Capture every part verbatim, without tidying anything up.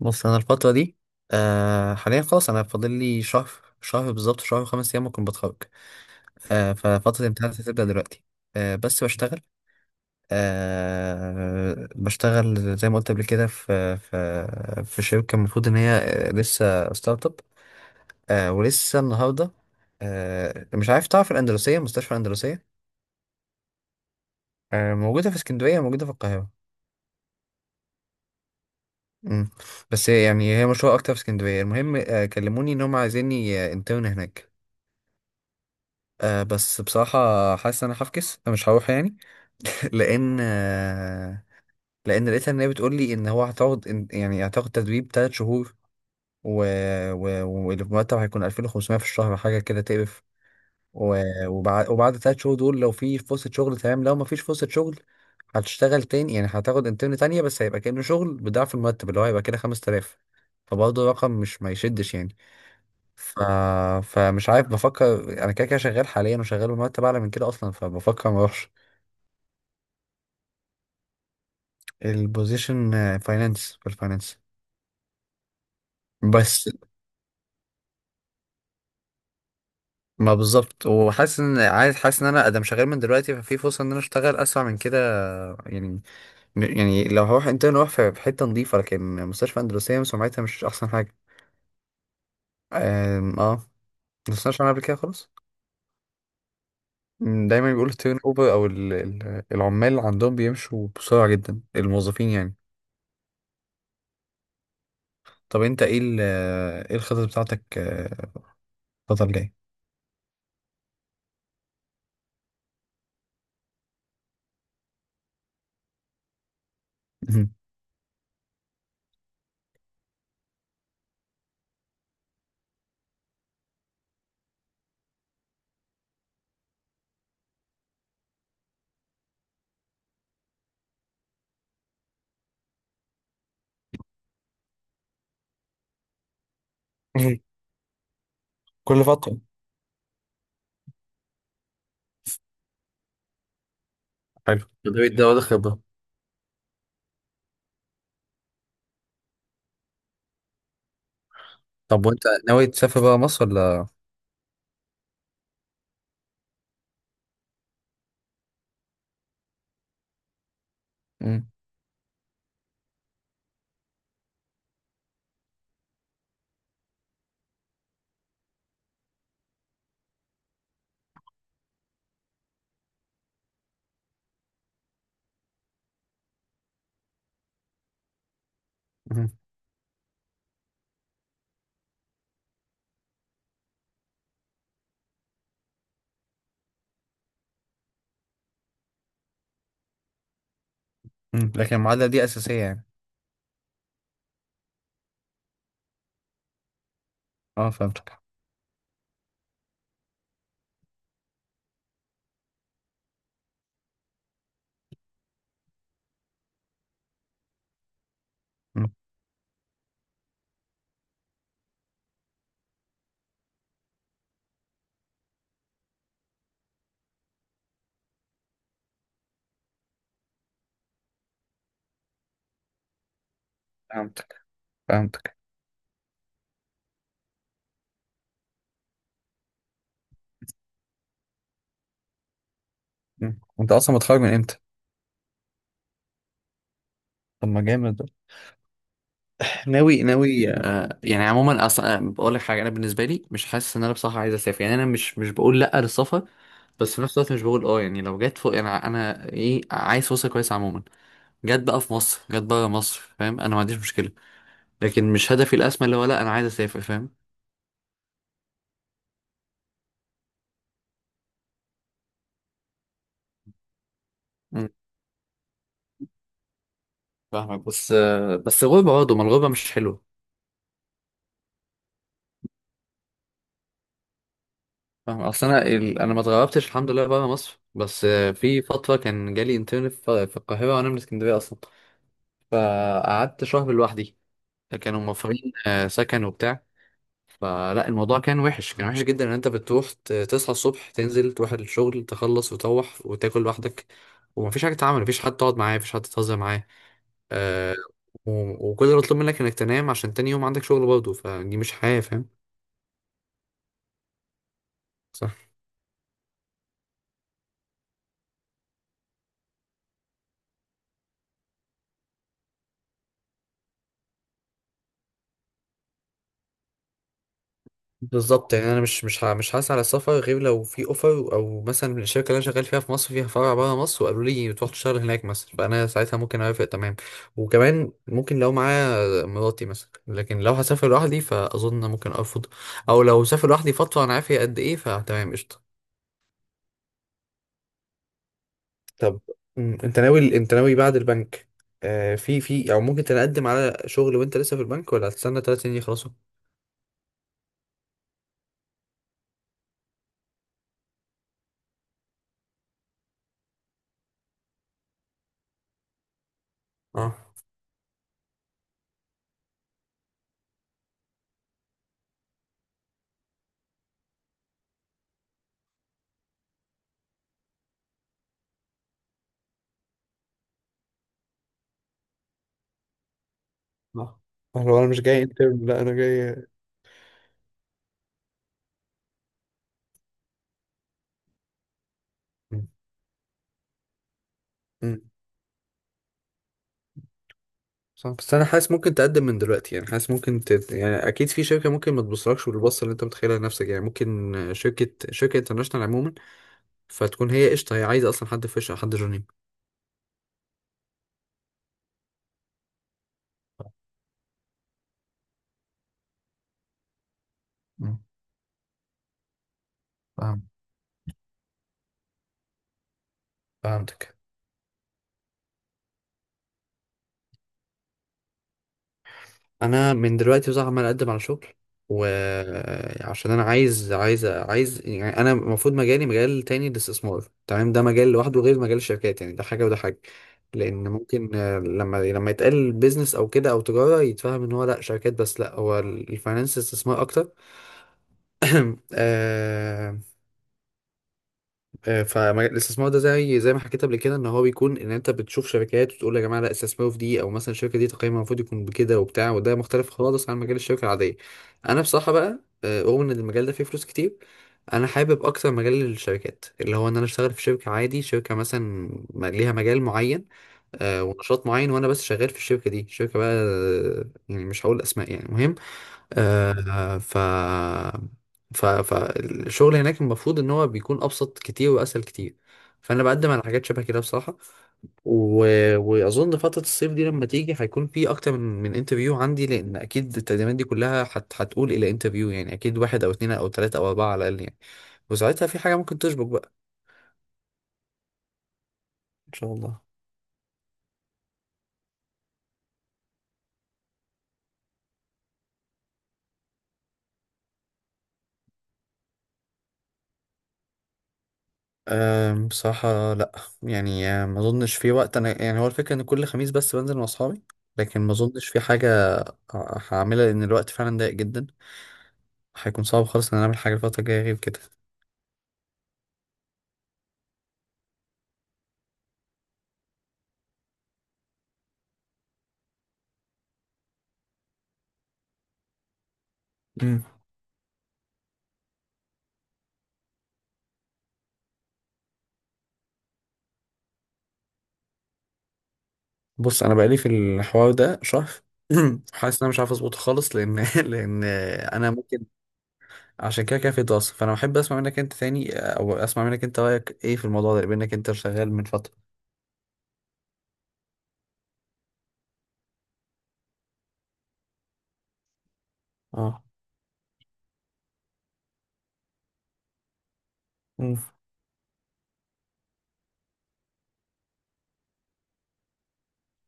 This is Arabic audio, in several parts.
بص، انا الفتره دي آه حاليا خلاص. انا فاضل لي شهر، شهر بالظبط، شهر وخمس ايام ممكن بتخرج. آه ففتره الامتحان هتبدا دلوقتي. آه بس بشتغل. آه بشتغل زي ما قلت قبل كده في في في شركه، المفروض ان هي، آه، لسه ستارت اب. آه ولسه النهارده، آه مش عارف تعرف الاندلسيه، مستشفى الاندلسيه؟ آه موجوده في اسكندريه، موجوده في القاهره. مم. بس يعني هي مشهوره اكتر في اسكندريه. المهم آه كلموني ان هم عايزيني، آه، انترن هناك. آه بس بصراحة حاسس ان انا هفكس، مش هروح يعني. لان آه لان لقيتها ان هي بتقول لي ان هو هتقعد، إن- يعني هتاخد تدريب تلات شهور. و... و... والمرتب هيكون الفين وخمسمية في الشهر، حاجة كده تقرف. و... وبعد وبعد تلات شهور دول، لو في فرصة شغل تمام، لو ما فيش فرصة شغل هتشتغل تاني يعني. هتاخد انترن تانية بس هيبقى كأنه شغل بضعف المرتب، اللي هو هيبقى كده خمست الاف. فبرضه رقم مش ما يشدش يعني. ف... فمش عارف، بفكر انا كده كده شغال حاليا وشغال بمرتب اعلى من كده اصلا، فبفكر ما اروحش. البوزيشن فاينانس، في الفاينانس. بس ما بالظبط، وحاسس ان عايز، حاسس ان انا ادم شغال من دلوقتي. ففي فرصه ان انا اشتغل اسرع من كده يعني. يعني لو هروح انترن اروح في في حته نظيفه، لكن مستشفى اندلسيه سمعتها مش احسن حاجه. أم، اه، ما سمعتش عنها قبل كده خالص. أم، دايما بيقولوا التيرن اوفر، او ال- ال- العمال عندهم بيمشوا بسرعه جدا، الموظفين يعني. طب انت ايه ال- ايه الخطط بتاعتك، آه، الفترة الجاية؟ مهم. مم. كل فترة. حلو، ناوي تزود خبرة. طب وانت ناوي تسافر بقى مصر ولا؟ مم. مم. مم. لكن المعادلة دي أساسية يعني؟ اه، فهمتك. مم. فهمتك. فهمتك. مم. انت اصلا متخرج من امتى؟ طب ما جامد ده. ناوي ناوي آه يعني عموما اصلا، آه، بقول لك حاجه: انا بالنسبه لي مش حاسس ان انا، بصراحه، عايز اسافر يعني. انا مش مش بقول لا للسفر، بس في نفس الوقت مش بقول اه يعني. لو جت فوق يعني، انا ايه، عايز فرصه كويسه عموما. جت بقى في مصر، جت بره مصر، فاهم؟ انا ما عنديش مشكله، لكن مش هدفي الاسمى اللي هو لا انا عايز اسافر، فاهم؟ مم، فاهمك، بس آه، بس غربه برضه، ما الغربه مش حلوه. فاهم، اصل انا ال... انا ما اتغربتش الحمد لله بره مصر. بس آه، في فتره كان جالي انترن في في القاهره وانا من اسكندريه اصلا. فقعدت شهر لوحدي. كانوا موفرين، آه، سكن وبتاع. فلا، الموضوع كان وحش، كان وحش جدا ان انت بتروح ت- تصحى الصبح، تنزل تروح الشغل، تخلص وتروح وتاكل لوحدك. ومفيش حاجه تتعمل، مفيش حد تقعد معاه، مفيش حد تهزر معاه. آه. و- وكل اللي مطلوب منك انك تنام عشان تاني يوم عندك شغل برضه. فدي مش حياة، فاهم؟ صح. بالظبط يعني، انا مش مش ه- مش هسعى على السفر غير لو في اوفر، او مثلا الشركه اللي انا شغال فيها في مصر فيها فرع بره مصر وقالوا لي تروح تشتغل هناك مثلا، فانا ساعتها ممكن اوافق تمام. وكمان ممكن لو معايا مراتي مثلا، لكن لو هسافر لوحدي فاظن ممكن ارفض. او لو سافر لوحدي فتره انا عارف هي قد ايه فتمام قشطه. طب مم، انت ناوي، انت ناوي بعد البنك آه في في او ممكن تقدم على شغل وانت لسه في البنك، ولا هتستنى ثلاث سنين يخلصوا؟ اه لا، هو انا مش جاي انترن، لا انا جاي. مم. مم. صح، بس انا حاسس ممكن تقدم من دلوقتي يعني. حاسس ممكن ت... يعني اكيد في شركه ممكن ما تبصلكش بالبصه اللي انت متخيلها لنفسك يعني. ممكن شركه، شركه انترناشونال عموما، فتكون هي قشطه، هي عايزه اصلا حد فريش او حد جونيور. مم. فاهم. فهمتك. انا من دلوقتي بصراحه عمال اقدم على شغل. وعشان انا عايز، عايز عايز يعني، انا المفروض مجالي مجال تاني: الاستثمار. تمام؟ ده مجال لوحده غير مجال الشركات يعني. ده حاجه وده حاجه. لان ممكن، آه، لما لما يتقال بيزنس او كده او تجاره يتفهم ان هو لا شركات بس، لا هو الفاينانس استثمار اكتر. آه، فالاستثمار ده زي زي ما حكيت قبل كده ان هو بيكون ان انت بتشوف شركات وتقول يا جماعه لا، استثمروا في دي، او مثلا الشركه دي تقييمها المفروض يكون بكده وبتاع. وده مختلف خالص عن مجال الشركه العاديه. انا بصراحه بقى، آه، رغم ان المجال ده فيه فلوس كتير، انا حابب اكتر مجال الشركات، اللي هو ان انا اشتغل في شركه عادي، شركه مثلا م- ليها مجال معين، آه، ونشاط معين، وانا بس شغال في الشركه دي. شركه بقى، آه، يعني مش هقول اسماء يعني. آه، ف ف فالشغل هناك المفروض ان هو بيكون ابسط كتير واسهل كتير. فانا بقدم على حاجات شبه كده بصراحه. و... واظن فتره الصيف دي لما تيجي هيكون في اكتر من من انترفيو عندي. لان اكيد التقديمات دي كلها هت... هتقول الى انترفيو يعني. اكيد واحد او اتنين او تلاته او اربعه على الاقل يعني. وساعتها في حاجه ممكن تشبك بقى. ان شاء الله. أم بصراحة لأ. يعني أم، ما أظنش في وقت. أنا يعني هو الفكرة إن كل خميس بس بنزل مع أصحابي، لكن ما أظنش في حاجة هعملها لان الوقت فعلا ضيق جدا. هيكون صعب خالص ان انا اعمل حاجه الفتره الجايه غير كده. امم. بص، انا بقالي في الحوار ده شهر. حاسس ان انا مش عارف اظبطه خالص، لان لان انا ممكن، عشان كده كده في دراسه. فانا بحب اسمع منك انت تاني، او اسمع منك انت رايك ايه في الموضوع ده بانك انت شغال من فتره. اه. امم.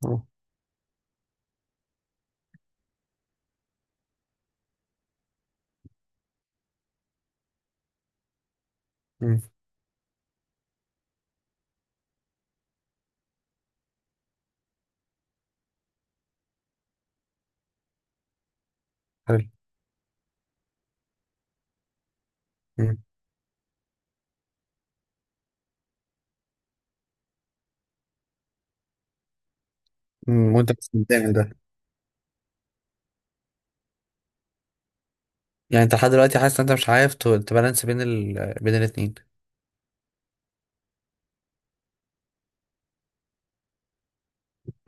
اه. امم. حلو. امم. امم، وانت بس بتعمل ده؟ يعني انت لحد دلوقتي حاسس ان انت مش عارف ت- تبالانس بين ال... بين الاتنين؟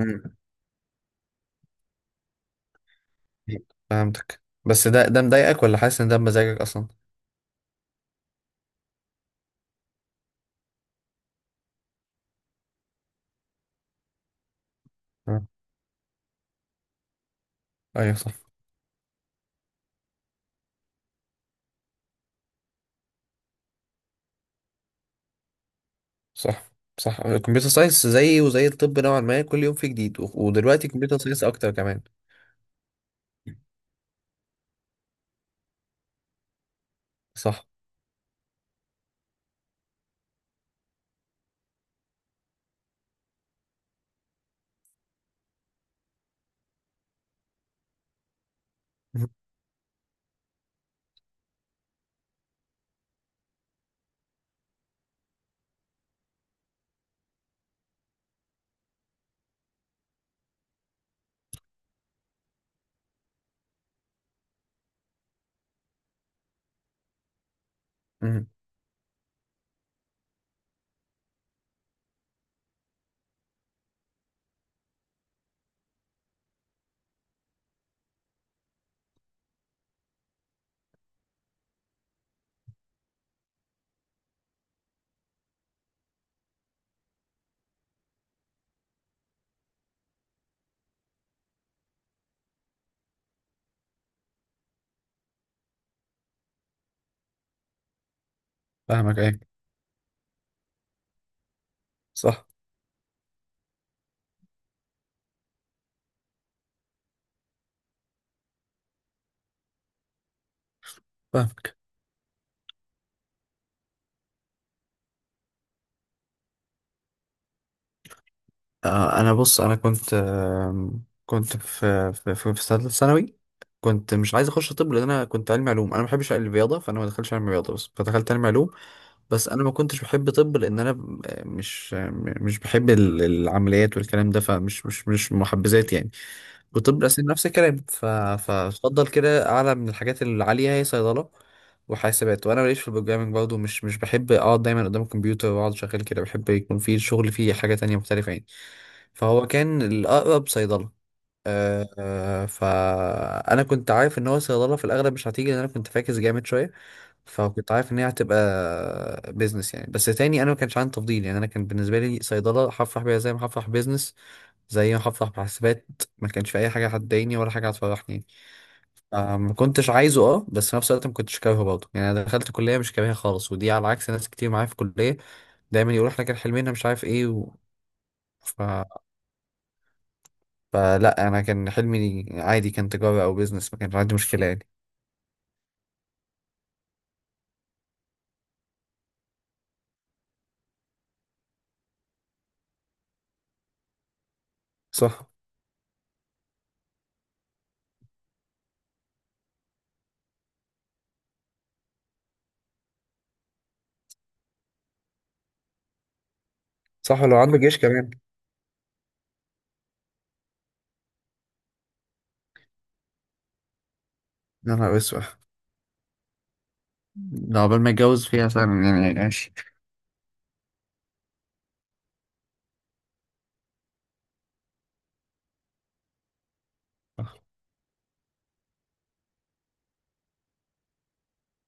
امم. فهمتك، بس ده ده مضايقك ولا حاسس ان ده بمزاجك اصلا؟ آه. ايوه صح. صح. صح، الكمبيوتر ساينس زي، وزي الطب نوعا ما، كل يوم فيه جديد. و- ودلوقتي الكمبيوتر ساينس اكتر كمان. صح. مهم. مهم. فاهمك ايه. صح. فاهمك. آه، انا بص، انا كنت، آم، كنت في في في في ثالثه ثانوي. كنت مش عايز اخش طب لان انا كنت علمي علوم. انا ما بحبش الرياضه، فانا ما دخلتش علمي رياضه بس، فدخلت علمي علوم. بس انا ما كنتش بحب طب لان انا ب- مش، آه، مش بحب ال- العمليات والكلام ده، فمش مش مش محبذات يعني. وطب الاسنان نفس الكلام. ف- فاتفضل كده اعلى من الحاجات العاليه هي صيدله وحاسبات. وانا ماليش في البروجرامنج برضه، مش مش بحب اقعد دايما قدام الكمبيوتر واقعد شغال كده. بحب يكون في الشغل فيه حاجه تانية مختلفه يعني. فهو كان الاقرب صيدله. أه أه، فانا كنت عارف ان هو صيدله في الاغلب مش هتيجي لان انا كنت فاكس جامد شويه. فكنت عارف ان هي هتبقى بيزنس يعني. بس تاني انا ما كانش عندي تفضيل يعني. انا كان بالنسبه لي صيدله هفرح بيها زي ما هفرح بيزنس، زي ما هفرح بحاسبات. ما كانش في اي حاجه هتضايقني ولا حاجه هتفرحني. آه، ما كنتش عايزه اه، بس في نفس الوقت ما كنتش كارهه برضه يعني. انا دخلت كليه مش كارهها خالص، ودي على عكس ناس كتير معايا في الكليه دايما يقول احنا كان حلمنا مش عارف ايه و... ف... فلا، انا كان حلمي عادي، كان تجاره او بيزنس، ما كانش عندي مشكله يعني. صح. صح، ولو عنده جيش كمان. يا نهار اسود. ده عقبال ما اتجوز فيها سنه يعني ماشي.